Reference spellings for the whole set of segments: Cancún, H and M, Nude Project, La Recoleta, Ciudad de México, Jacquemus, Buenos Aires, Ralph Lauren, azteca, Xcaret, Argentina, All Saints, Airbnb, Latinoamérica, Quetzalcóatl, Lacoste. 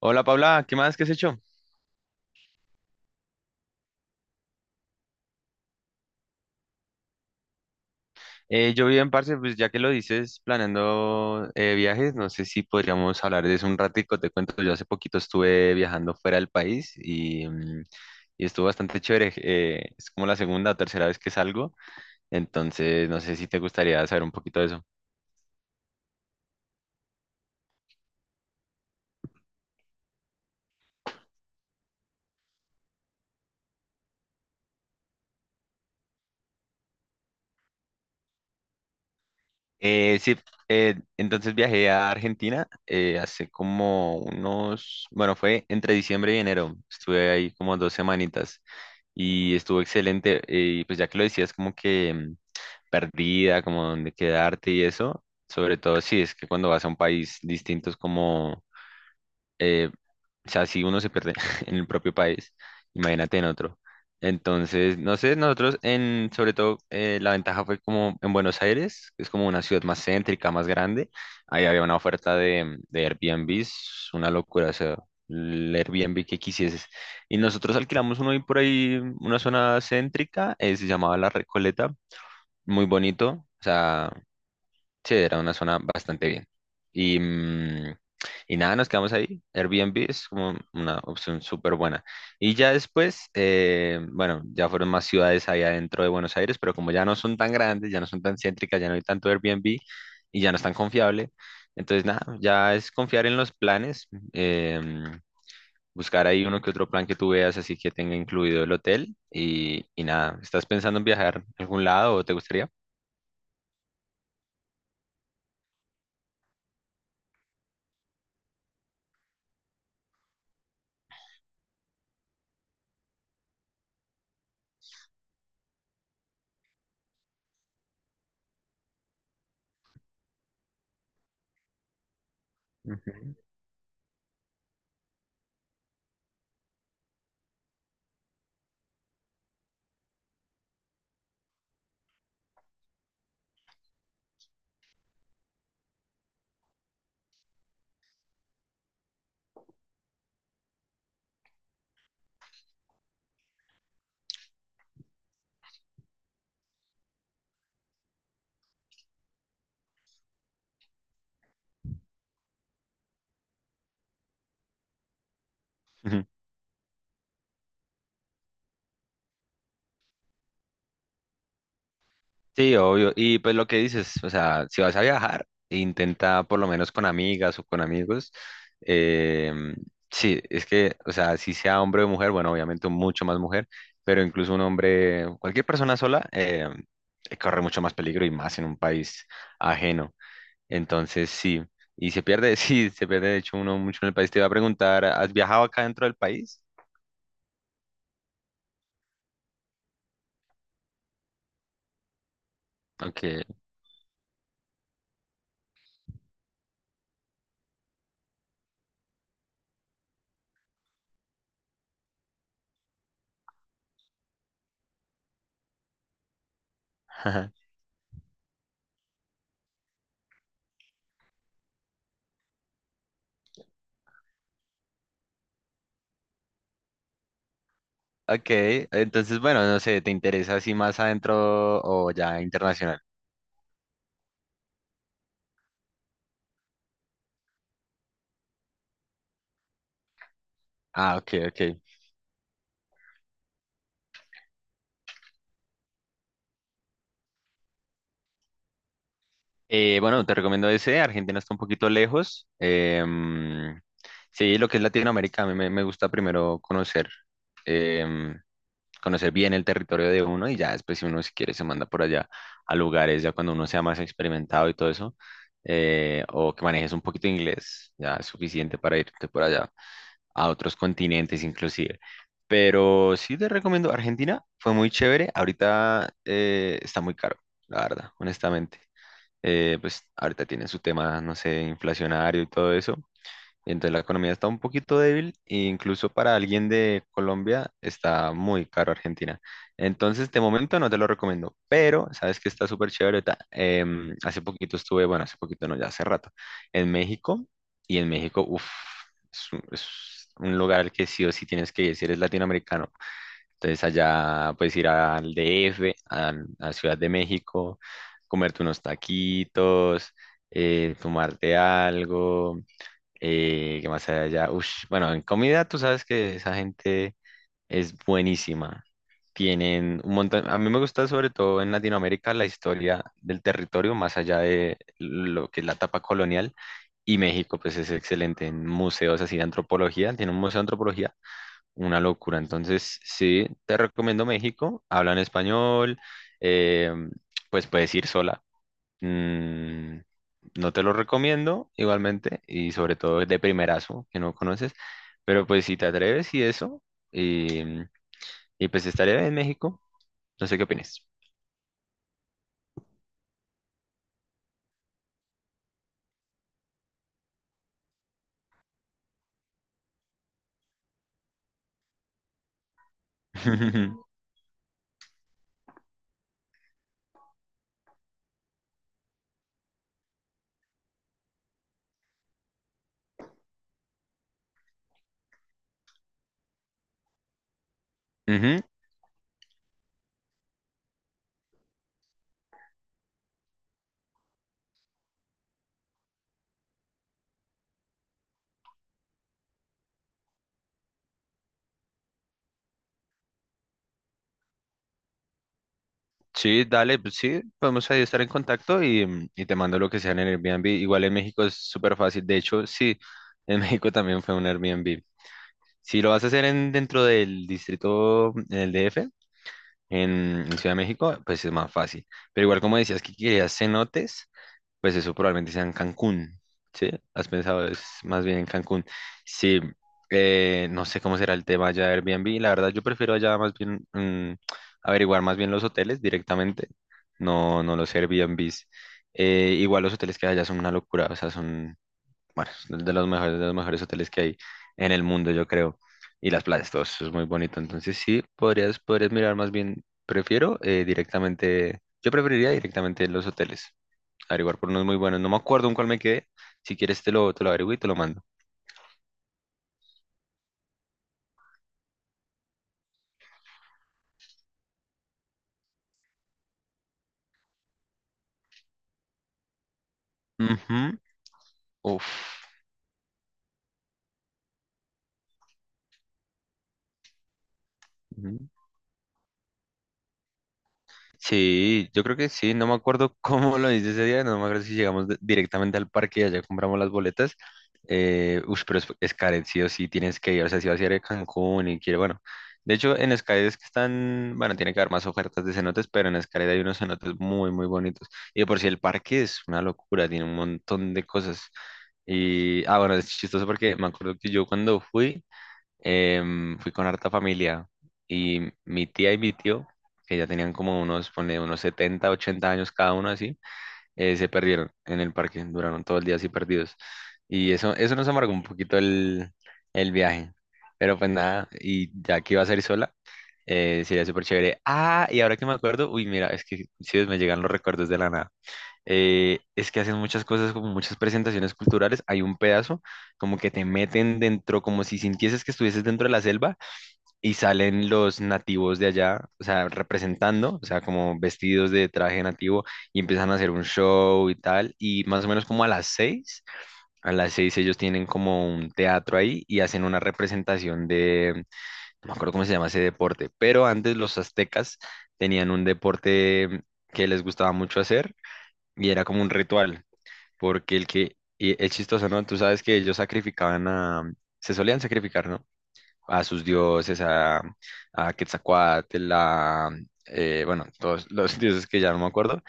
Hola Paula, ¿qué más? ¿Qué has hecho? Yo bien, parce, pues ya que lo dices, planeando viajes, no sé si podríamos hablar de eso un ratico. Te cuento, yo hace poquito estuve viajando fuera del país y y estuvo bastante chévere. Es como la segunda o tercera vez que salgo, entonces no sé si te gustaría saber un poquito de eso. Sí, entonces viajé a Argentina hace como unos, bueno, fue entre diciembre y enero, estuve ahí como dos semanitas. Y estuvo excelente. Y pues ya que lo decías, como que perdida, como dónde quedarte y eso, sobre todo si es que cuando vas a un país distinto es como, eh, o sea, si uno se pierde en el propio país, imagínate en otro. Entonces, no sé, nosotros en, sobre todo, la ventaja fue como en Buenos Aires, que es como una ciudad más céntrica, más grande. Ahí había una oferta de Airbnbs, una locura, o sea, el Airbnb que quisieses. Y nosotros alquilamos uno ahí por ahí, una zona céntrica, se llamaba La Recoleta, muy bonito, o sea, sí, era una zona bastante bien. Y y nada, nos quedamos ahí. Airbnb es como una opción súper buena. Y ya después, bueno, ya fueron más ciudades ahí adentro de Buenos Aires, pero como ya no son tan grandes, ya no son tan céntricas, ya no hay tanto Airbnb y ya no es tan confiable. Entonces, nada, ya es confiar en los planes, em, buscar ahí uno que otro plan que tú veas, así que tenga incluido el hotel. Y nada, ¿estás pensando en viajar a algún lado o te gustaría? Ujú. Sí, obvio. Y pues lo que dices, o sea, si vas a viajar, intenta por lo menos con amigas o con amigos. em, sí, es que, o sea, si sea hombre o mujer, bueno, obviamente mucho más mujer, pero incluso un hombre, cualquier persona sola, corre mucho más peligro y más en un país ajeno. Entonces, sí. Y se pierde, sí, se pierde de hecho uno mucho en el país. Te iba a preguntar, ¿has viajado acá dentro del país? Ok. Ok, entonces, bueno, no sé, ¿te interesa así más adentro o ya internacional? Ah, ok, ok. Bueno, te recomiendo ese, Argentina está un poquito lejos. Sí, lo que es Latinoamérica, a me gusta primero conocer, em, conocer bien el territorio de uno y ya después si uno si quiere se manda por allá a lugares, ya cuando uno sea más experimentado y todo eso, o que manejes un poquito de inglés, ya es suficiente para irte por allá, a otros continentes inclusive. Pero sí te recomiendo Argentina, fue muy chévere. Ahorita está muy caro, la verdad, honestamente. Pues ahorita tienen su tema, no sé, inflacionario y todo eso. Entonces la economía está un poquito débil e incluso para alguien de Colombia está muy caro Argentina. Entonces de momento no te lo recomiendo, pero sabes que está súper chévere. Hace poquito estuve, bueno, hace poquito no, ya hace rato, en México, y en México, uff, es un lugar al que sí o sí tienes que ir si eres latinoamericano. Entonces allá puedes ir al DF, a Ciudad de México, comerte unos taquitos, tomarte algo, ¿qué más hay allá? Ush, bueno, en comida tú sabes que esa gente es buenísima. Tienen un montón, a mí me gusta sobre todo en Latinoamérica la historia del territorio, más allá de lo que es la etapa colonial. Y México, pues es excelente en museos así de antropología, tiene un museo de antropología, una locura. Entonces, sí, te recomiendo México, hablan español, eh, pues puedes ir sola. Mm, no te lo recomiendo igualmente y sobre todo de primerazo que no conoces, pero pues si te atreves y eso, y, mm, y pues estaré en México, no sé qué opinas. Ujú. Sí, dale, pues sí, podemos ahí estar en contacto y y te mando lo que sea en el Airbnb. Igual en México es súper fácil, de hecho, sí, en México también fue un Airbnb. Si lo vas a hacer en, dentro del distrito, mm, en el DF en, en Ciudad de México, pues es más fácil. Pero igual como decías que querías cenotes, pues eso probablemente sea en Cancún, ¿sí? ¿Has pensado es más bien en Cancún? Sí, no sé cómo será el tema allá de Airbnb, la verdad yo prefiero allá más bien averiguar más bien los hoteles directamente, no, no los Airbnbs. Igual los hoteles que hay allá son una locura, o sea, son, bueno, son de los mejores hoteles que hay en el mundo, yo creo. Y las playas, todo eso es muy bonito. Entonces sí, podrías, podrías mirar más bien, prefiero directamente, yo preferiría directamente los hoteles, averiguar por unos muy buenos. No me acuerdo en cuál me quedé. Si quieres te te lo averiguo y te lo mando. Ujú. Uf. Ujú. Sí, yo creo que sí, no me acuerdo cómo lo hice ese día, no me acuerdo si llegamos directamente al parque y allá compramos las boletas. Ush, pero es Xcaret, sí o sí tienes que ir, o sea, si vas a ir a Cancún y quiere, bueno, de hecho en Xcaret es que están, bueno, tiene que haber más ofertas de cenotes, pero en Xcaret hay unos cenotes muy, muy bonitos. Y de por sí el parque es una locura, tiene un montón de cosas. Y, ah, bueno, es chistoso porque me acuerdo que yo cuando fui, fui con harta familia y mi tía y mi tío, que ya tenían como unos, pone, unos 70 u 80 años cada uno así, se perdieron en el parque, duraron todo el día así perdidos. Y eso nos amargó un poquito el viaje. Pero pues nada, y ya que iba a salir sola, sería súper chévere. Ah, y ahora que me acuerdo, uy, mira, es que sí, me llegan los recuerdos de la nada. Es que hacen muchas cosas, como muchas presentaciones culturales. Hay un pedazo como que te meten dentro, como si sintieses que estuvieses dentro de la selva y salen los nativos de allá, o sea, representando, o sea, como vestidos de traje nativo y empiezan a hacer un show y tal. Y más o menos como a las 6, a las seis ellos tienen como un teatro ahí y hacen una representación de, no me acuerdo cómo se llama ese deporte, pero antes los aztecas tenían un deporte que les gustaba mucho hacer y era como un ritual porque el que, y es chistoso, ¿no? Tú sabes que ellos sacrificaban a, se solían sacrificar, ¿no? A sus dioses, a Quetzalcóatl, a, bueno, todos los dioses que ya no me acuerdo,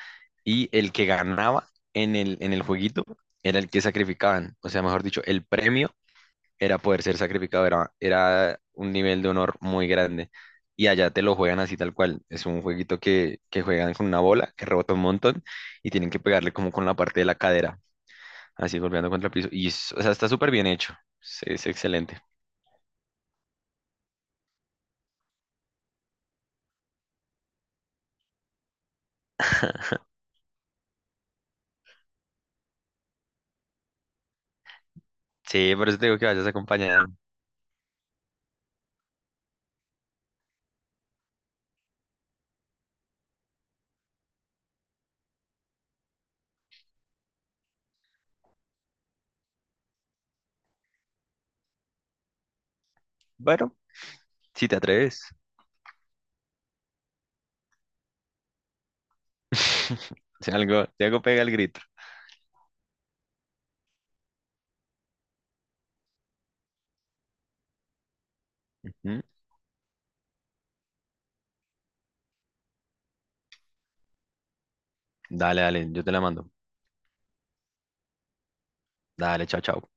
y el que ganaba en el jueguito era el que sacrificaban, o sea, mejor dicho, el premio era poder ser sacrificado, era un nivel de honor muy grande. Y allá te lo juegan así tal cual. Es un jueguito que juegan con una bola que rebota un montón y tienen que pegarle como con la parte de la cadera, así golpeando contra el piso. O sea, está súper bien hecho. Sí, es excelente. Sí, por eso te digo que vayas acompañado. Bueno, si te atreves. Si algo, si algo pega el grito. Ujú. Dale, dale, yo te la mando. Dale, chao, chao.